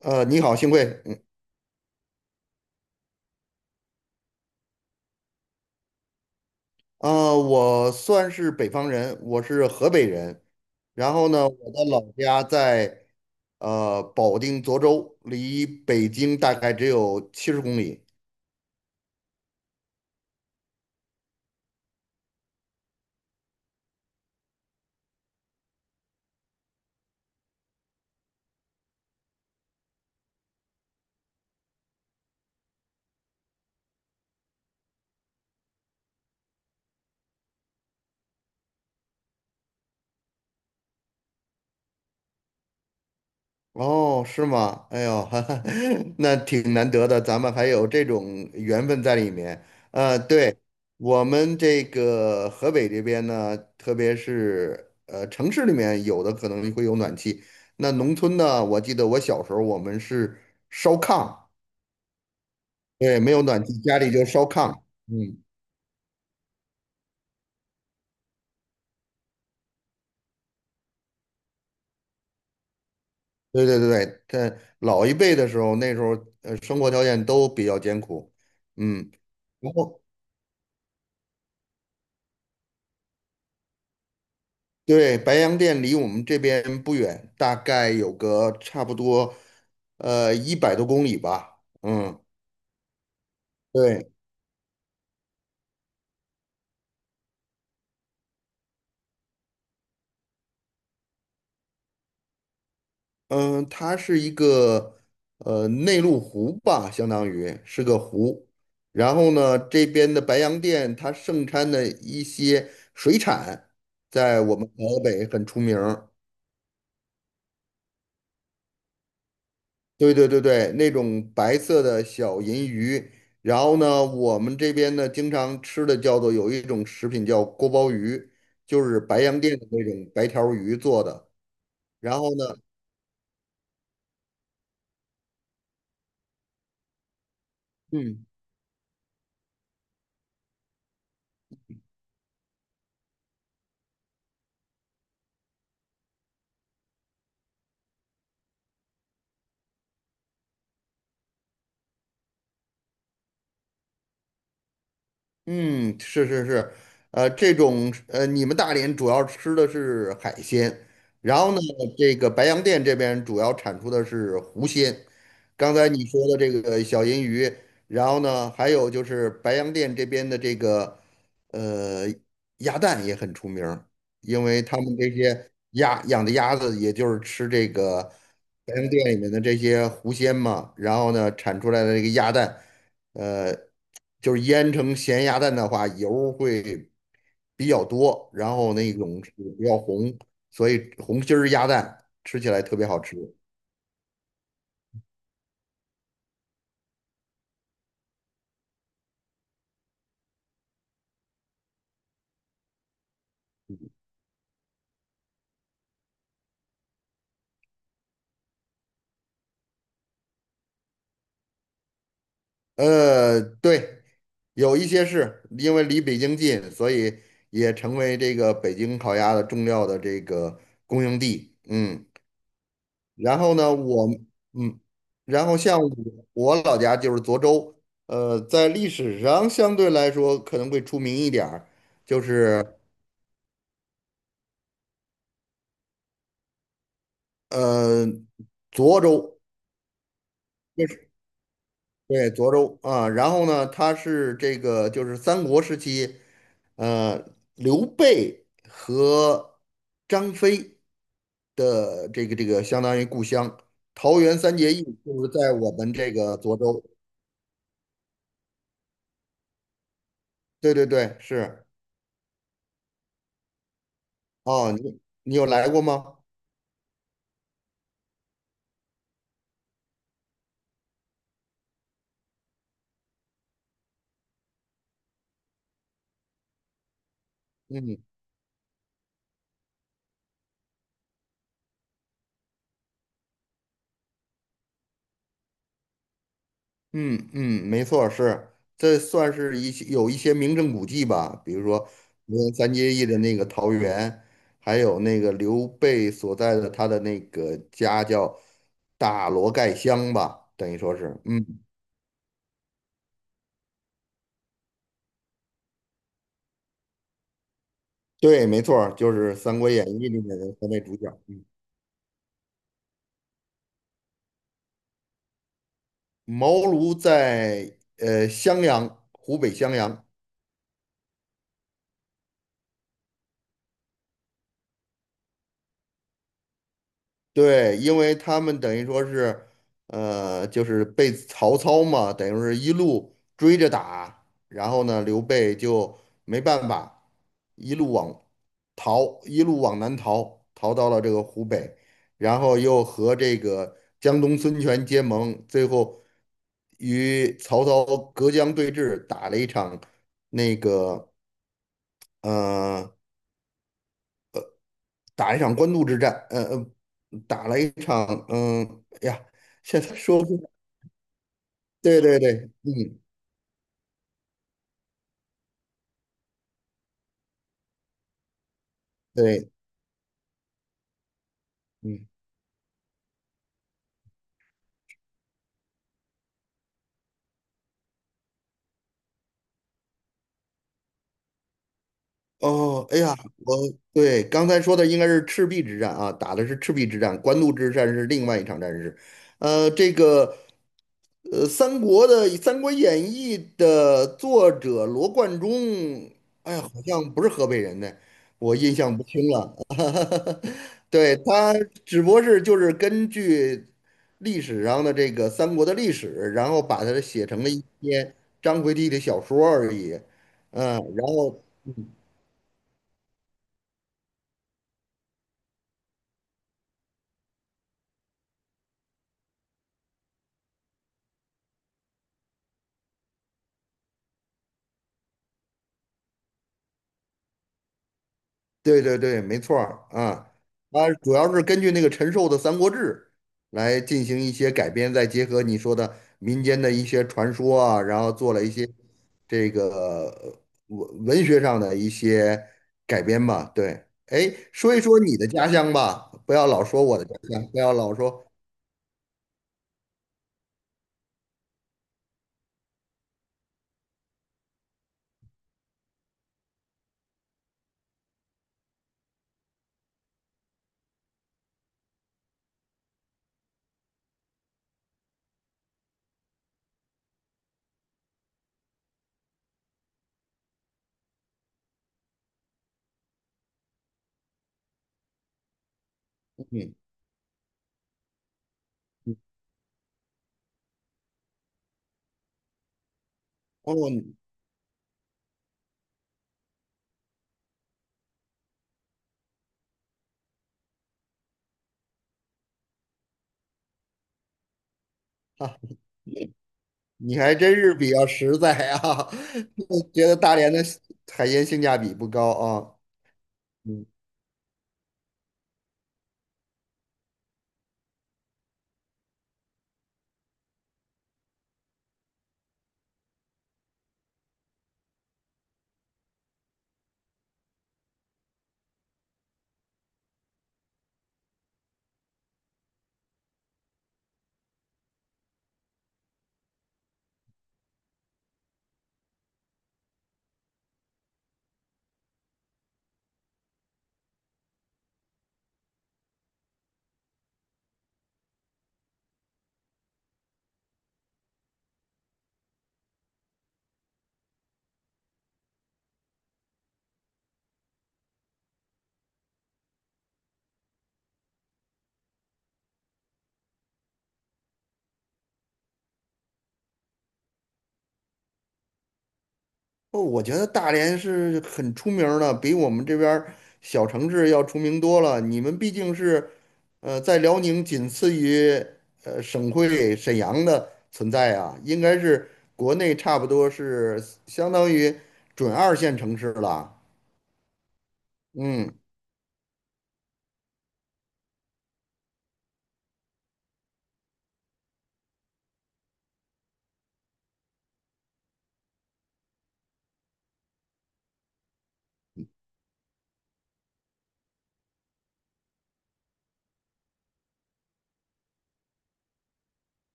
你好，幸会。嗯。啊、我算是北方人，我是河北人。然后呢，我的老家在保定涿州，离北京大概只有70公里。哦，是吗？哎呦，哈哈。那挺难得的，咱们还有这种缘分在里面。对，我们这个河北这边呢，特别是城市里面有的可能会有暖气，那农村呢，我记得我小时候我们是烧炕，对，没有暖气，家里就烧炕。嗯。对对对对，在老一辈的时候，那时候生活条件都比较艰苦，嗯。然后。对，白洋淀离我们这边不远，大概有个差不多，100多公里吧。嗯，对。嗯、它是一个内陆湖吧，相当于是个湖。然后呢，这边的白洋淀它盛产的一些水产，在我们河北很出名儿。对对对对，那种白色的小银鱼，然后呢，我们这边呢经常吃的叫做有一种食品叫锅包鱼，就是白洋淀的那种白条鱼做的。然后呢。嗯。嗯，是是是，这种你们大连主要吃的是海鲜，然后呢，这个白洋淀这边主要产出的是湖鲜。刚才你说的这个小银鱼，然后呢，还有就是白洋淀这边的这个呃鸭蛋也很出名儿。因为他们这些鸭养的鸭子，也就是吃这个白洋淀里面的这些湖鲜嘛，然后呢，产出来的这个鸭蛋。呃，就是腌成咸鸭蛋的话，油会比较多，然后那种是比较红，所以红心儿鸭蛋吃起来特别好吃。对，有一些是因为离北京近，所以也成为这个北京烤鸭的重要的这个供应地。嗯。然后呢，我嗯，然后像我老家就是涿州，在历史上相对来说可能会出名一点儿。就是。呃，涿州。就是对，涿州啊。然后呢，他是这个就是三国时期，呃，刘备和张飞的这个相当于故乡，桃园三结义就是在我们这个涿州。对对对，是。哦，你有来过吗？嗯。嗯嗯，没错儿。是，这算是一些有一些名胜古迹吧，比如说梅园三结义的那个桃园，还有那个刘备所在的他的那个家叫大罗盖乡吧，等于说是。嗯，对，没错儿就是《三国演义》里面的三位主角。嗯，茅庐在襄阳，湖北襄阳。对，因为他们等于说是，就是被曹操嘛，等于说是一路追着打，然后呢，刘备就没办法，一路往一路往南逃，逃到了这个湖北，然后又和这个江东孙权结盟，最后与曹操隔江对峙，打了一场那个，呃打一场官渡之战，打了一场，哎呀，现在说不出来。对对对。嗯，对。嗯。哦，哎呀，我对刚才说的应该是赤壁之战啊，打的是赤壁之战，官渡之战是另外一场战事。呃，这个三国的《三国演义》的作者罗贯中，哎呀，好像不是河北人呢，我印象不清了。对，他只不过是就是根据历史上的这个三国的历史，然后把它写成了一篇张回体的小说而已。嗯，然后对对对，没错儿啊。它主要是根据那个陈寿的《三国志》来进行一些改编，再结合你说的民间的一些传说啊，然后做了一些这个呃文学上的一些改编吧。对，哎，说一说你的家乡吧，不要老说我的家乡，不要老说。嗯哦，你啊，你还真是比较实在啊，觉得大连的海鲜性价比不高啊。嗯哦，我觉得大连是很出名儿的，比我们这边儿小城市要出名多了。你们毕竟是，在辽宁仅次于省会沈阳的存在啊，应该是国内差不多是相当于准二线城市了。嗯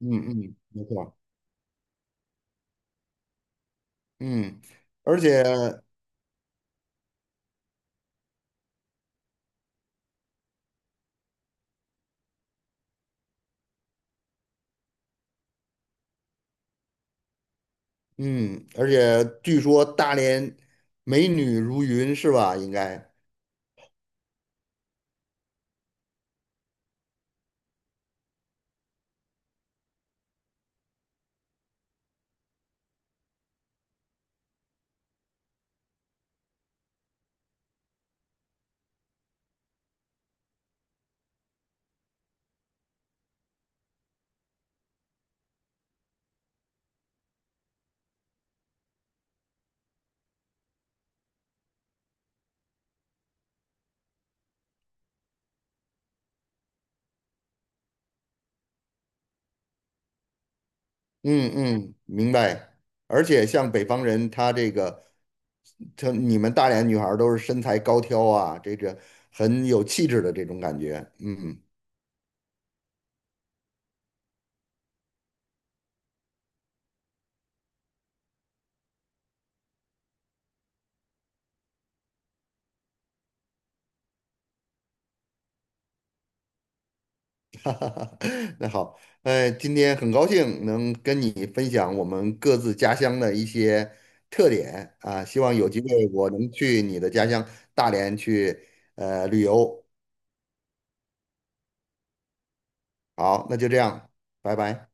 嗯嗯，没错。嗯，而且嗯，而且据说大连美女如云，是吧？应该。嗯嗯，明白。而且像北方人，他这个你们大连女孩儿都是身材高挑啊，这个很有气质的这种感觉。嗯，哈哈哈。那好，今天很高兴能跟你分享我们各自家乡的一些特点啊，希望有机会我能去你的家乡大连去旅游。好，那就这样，拜拜。